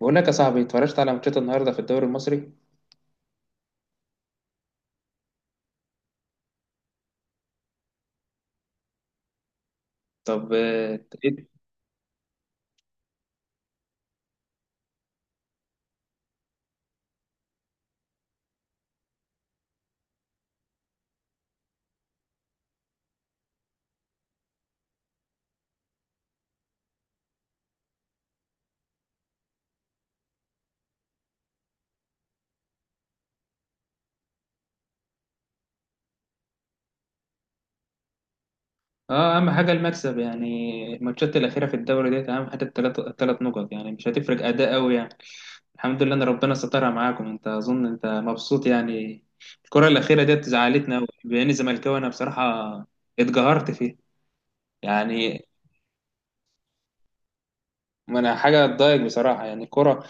بقول لك يا صاحبي اتفرجت على ماتشات النهارده في الدوري المصري. طب إيه؟ آه، اهم حاجه المكسب يعني. الماتشات الاخيره في الدوري ديت اهم حاجه، الثلاث نقط يعني، مش هتفرق اداء قوي يعني. الحمد لله ان ربنا سترها معاكم، انت اظن انت مبسوط يعني. الكره الاخيره ديت زعلتنا قوي، باني زملكاوي انا بصراحه، اتقهرت فيها يعني. ما انا حاجه تضايق بصراحه يعني الكره،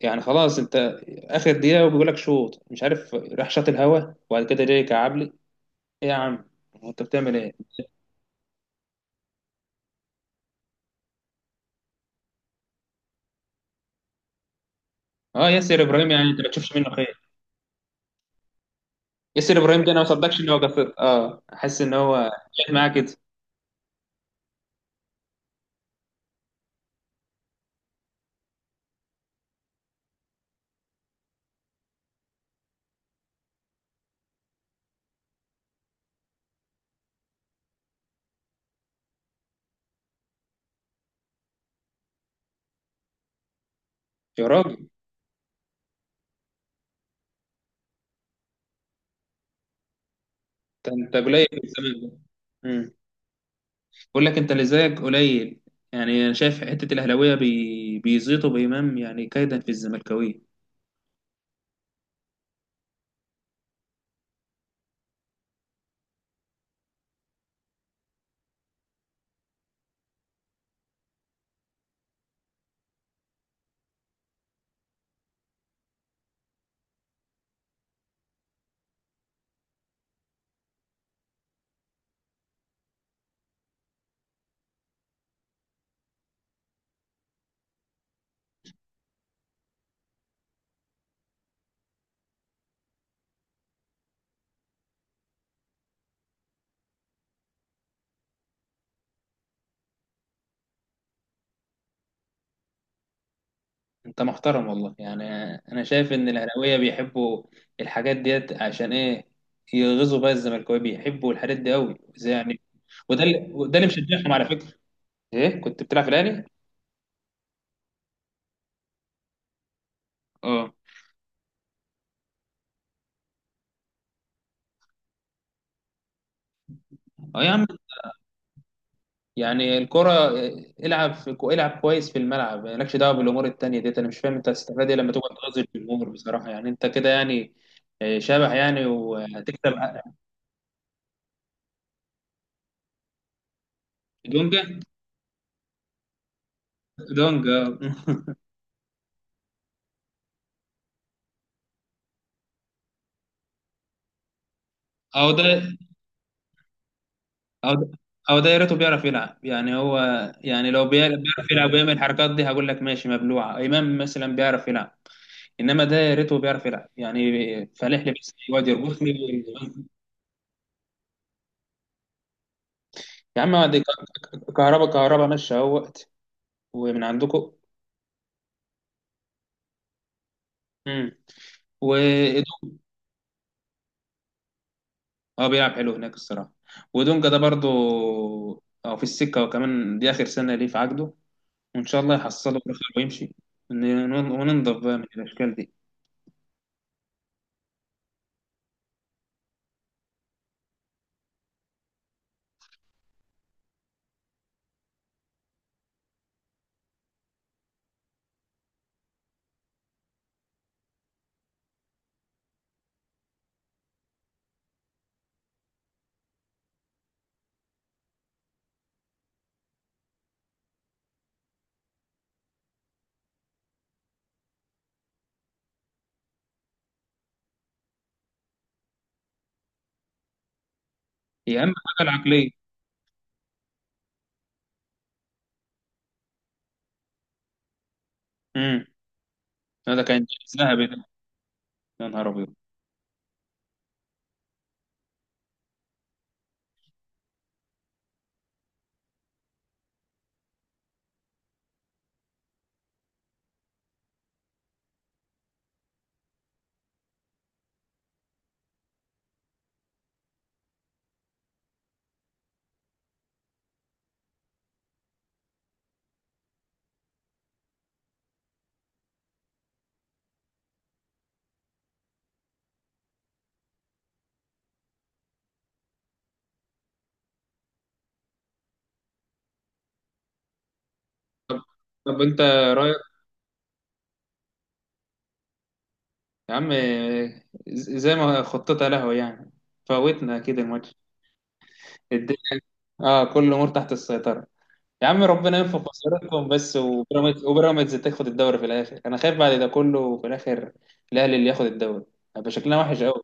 يعني خلاص انت، اخر دقيقه وبيقول لك شوط مش عارف راح شاط الهوا وبعد كده جاي كعبلي. ايه يا عم، هو انت بتعمل ايه؟ اه ياسر ابراهيم، يعني انت ما تشوفش منه خير. ياسر ابراهيم ده انا ما صدقش ان هو جفت، اه احس ان هو جاي معاه كده. يا راجل، انت قليل في الزمن ده. امم بقول لك انت اللي زيك قليل. يعني انا شايف حته الاهلاويه بيزيطوا بامام يعني، كيدا في الزملكاويه. انت محترم والله يعني، انا شايف ان الاهلاويه بيحبوا الحاجات ديت عشان ايه؟ يغيظوا بقى الزملكاويه، بيحبوا الحاجات دي قوي زي يعني. وده اللي مشجعهم على فكره. ايه، كنت بتلعب في الاهلي؟ اه. اه يا عم، يعني الكرة، العب في، العب كويس في الملعب، مالكش دعوة بالأمور التانية ديت. أنا مش فاهم أنت هتستفاد إيه لما تقعد تغازل الجمهور بصراحة يعني، أنت كده يعني شبح يعني. وهتكسب دونجا دونجا. أو ده، أو ده، أو ده يا ريته بيعرف يلعب يعني هو. يعني لو بيعرف يلعب ويعمل الحركات دي هقول لك ماشي، مبلوعة إمام مثلا بيعرف يلعب. إنما ده يا ريته بيعرف يلعب يعني، فالح لي بس يقعد يربطني. يا عم دي كهربا، كهربا ماشي أهوت ومن عندكم وإيدونجا. اه بيلعب حلو هناك الصراحة. وإيدونجا ده برضو، اه في السكة، وكمان دي آخر سنة ليه في عقده، وإن شاء الله يحصله ويخلص ويمشي وننضف بقى من الأشكال دي. هي أهم حاجة العقلية. امم، لا ده كان ذهبي ده، يا نهار أبيض. طب طب أنت رأيك؟ يا عم زي ما خطتها لهوي يعني، فوتنا أكيد الماتش، الدنيا. اه كل الأمور تحت السيطرة. يا عم ربنا ينفع خسارتكم بس، وبيراميدز تاخد الدوري في الاخر، انا خايف بعد ده كله في الاخر الاهلي اللي ياخد الدوري، هيبقى شكلنا وحش قوي.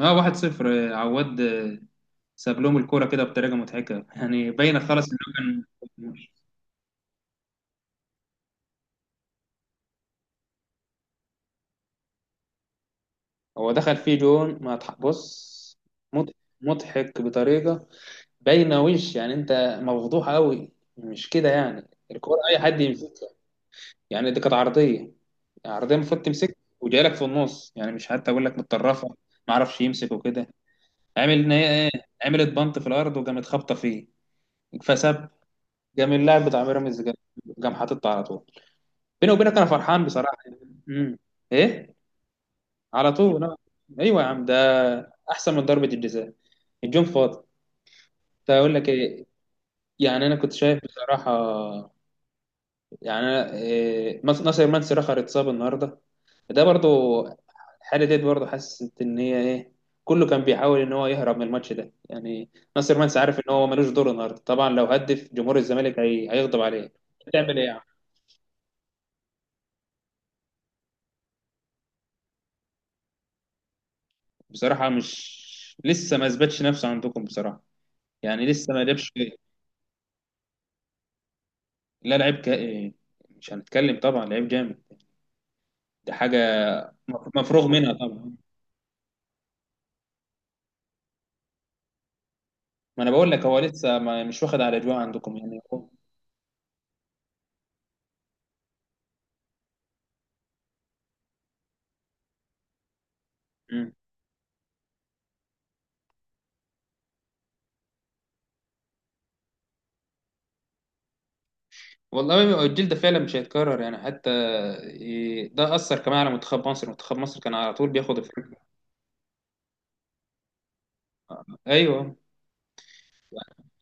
اه 1-0 عواد، آه، ساب لهم الكوره كده بطريقه مضحكه يعني، باينه خلاص انه كان. هو دخل فيه جون ما تح- بص، مض- مضحك بطريقه باينه وش يعني، انت مفضوح قوي مش كده يعني؟ الكوره اي حد يمسكها يعني، دي كانت عرضيه، العرضيه المفروض تمسك وجاي لك في النص يعني، مش حتى اقول لك متطرفه. ما عرفش يمسك وكده، عامل ان هي ايه، عملت بنط في الارض وقامت خابطه فيه، فسب. قام اللاعب بتاع بيراميدز، قام حاططها على طول. بيني وبينك انا فرحان بصراحه. امم ايه، على طول أنا. ايوه يا عم، ده احسن من ضربه الجزاء، الجون فاضي. كنت اقول لك ايه؟ يعني انا كنت شايف بصراحه، يعني أنا ناصر منسي رخر اتصاب النهارده، ده برضو الحاله ديت برضو، حاسس ان هي ايه، كله كان بيحاول ان هو يهرب من الماتش ده يعني. ناصر منسي عارف ان هو ملوش دور النهارده طبعا، لو هدف جمهور الزمالك هيغضب عليه. تعمل ايه يعني؟ بصراحه مش، لسه ما اثبتش نفسه عندكم بصراحه، يعني لسه ما جابش. لا لعيب ك... إيه، مش هنتكلم طبعا، لعيب جامد ده، حاجه مفروغ منها طبعا. ما انا بقول لك هو لسه ما... مش واخد على اجواء عندكم يعني هو. والله الجيل ده فعلا مش هيتكرر يعني، حتى ده أثر كمان على منتخب مصر، منتخب مصر كان على طول بياخد افريقيا. ايوه،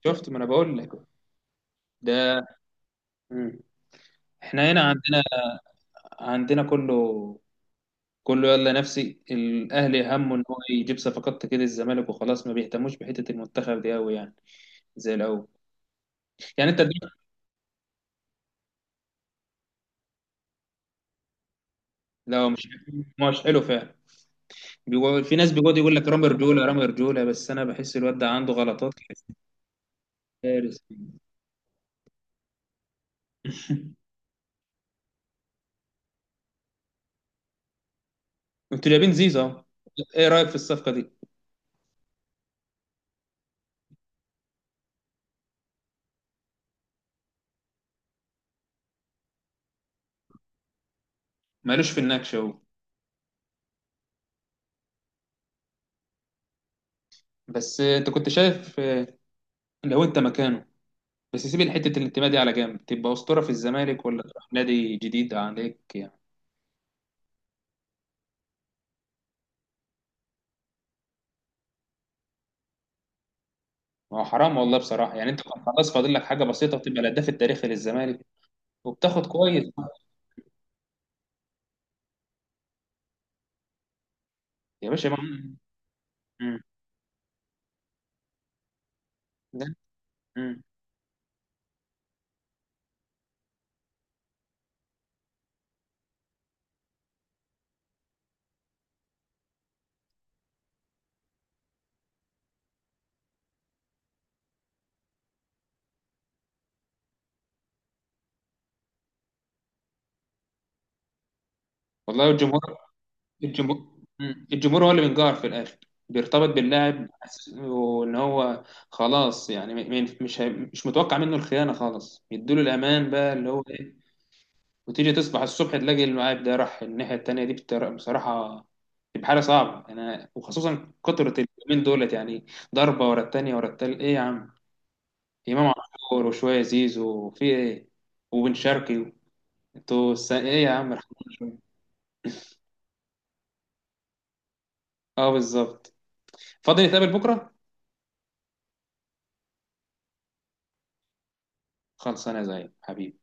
شفت، ما انا بقول لك ده. مم. احنا هنا عندنا، عندنا كله، كله يلا. نفسي الاهلي همه ان هو يجيب صفقات كده الزمالك وخلاص، ما بيهتموش بحته المنتخب دي قوي يعني زي الاول. يعني انت دي، لو مش، مش حلو فعلا. بيقول في ناس بيقعد يقول لك رامي رجوله، رامي رجوله، بس انا بحس الواد ده عنده غلطات كارثة. انتوا جايبين زيزو اهو. ايه رايك في الصفقه دي؟ مالوش في النكش اهو. بس انت كنت شايف لو انت مكانه، بس سيب حته الانتماء دي على جنب، تبقى اسطوره في الزمالك ولا تروح نادي جديد عليك يعني؟ ما هو حرام والله بصراحه يعني، انت كان خلاص فاضل لك حاجه بسيطه وتبقى الهداف التاريخي للزمالك وبتاخد كويس. يا باشا ما. مم. ده. مم. والله الجمهور، الجمهور. مم. الجمهور هو اللي بينقهر في الاخر، بيرتبط باللاعب وان هو خلاص يعني مش متوقع منه الخيانه خالص، يدوله الامان بقى اللي هو ايه، وتيجي تصبح الصبح تلاقي اللاعب ده راح الناحيه التانيه دي بصراحه تبقى حاله صعبه، انا وخصوصا كتره اليومين دولت يعني. ضربه ورا التانيه ورا التالت، ايه يا عم؟ امام عاشور وشويه زيزو في ايه، وبن شرقي، انتوا ايه يا عم، ارحمونا شويه. اه بالظبط. فاضي نتقابل بكره؟ خلص، انا زيك حبيبي.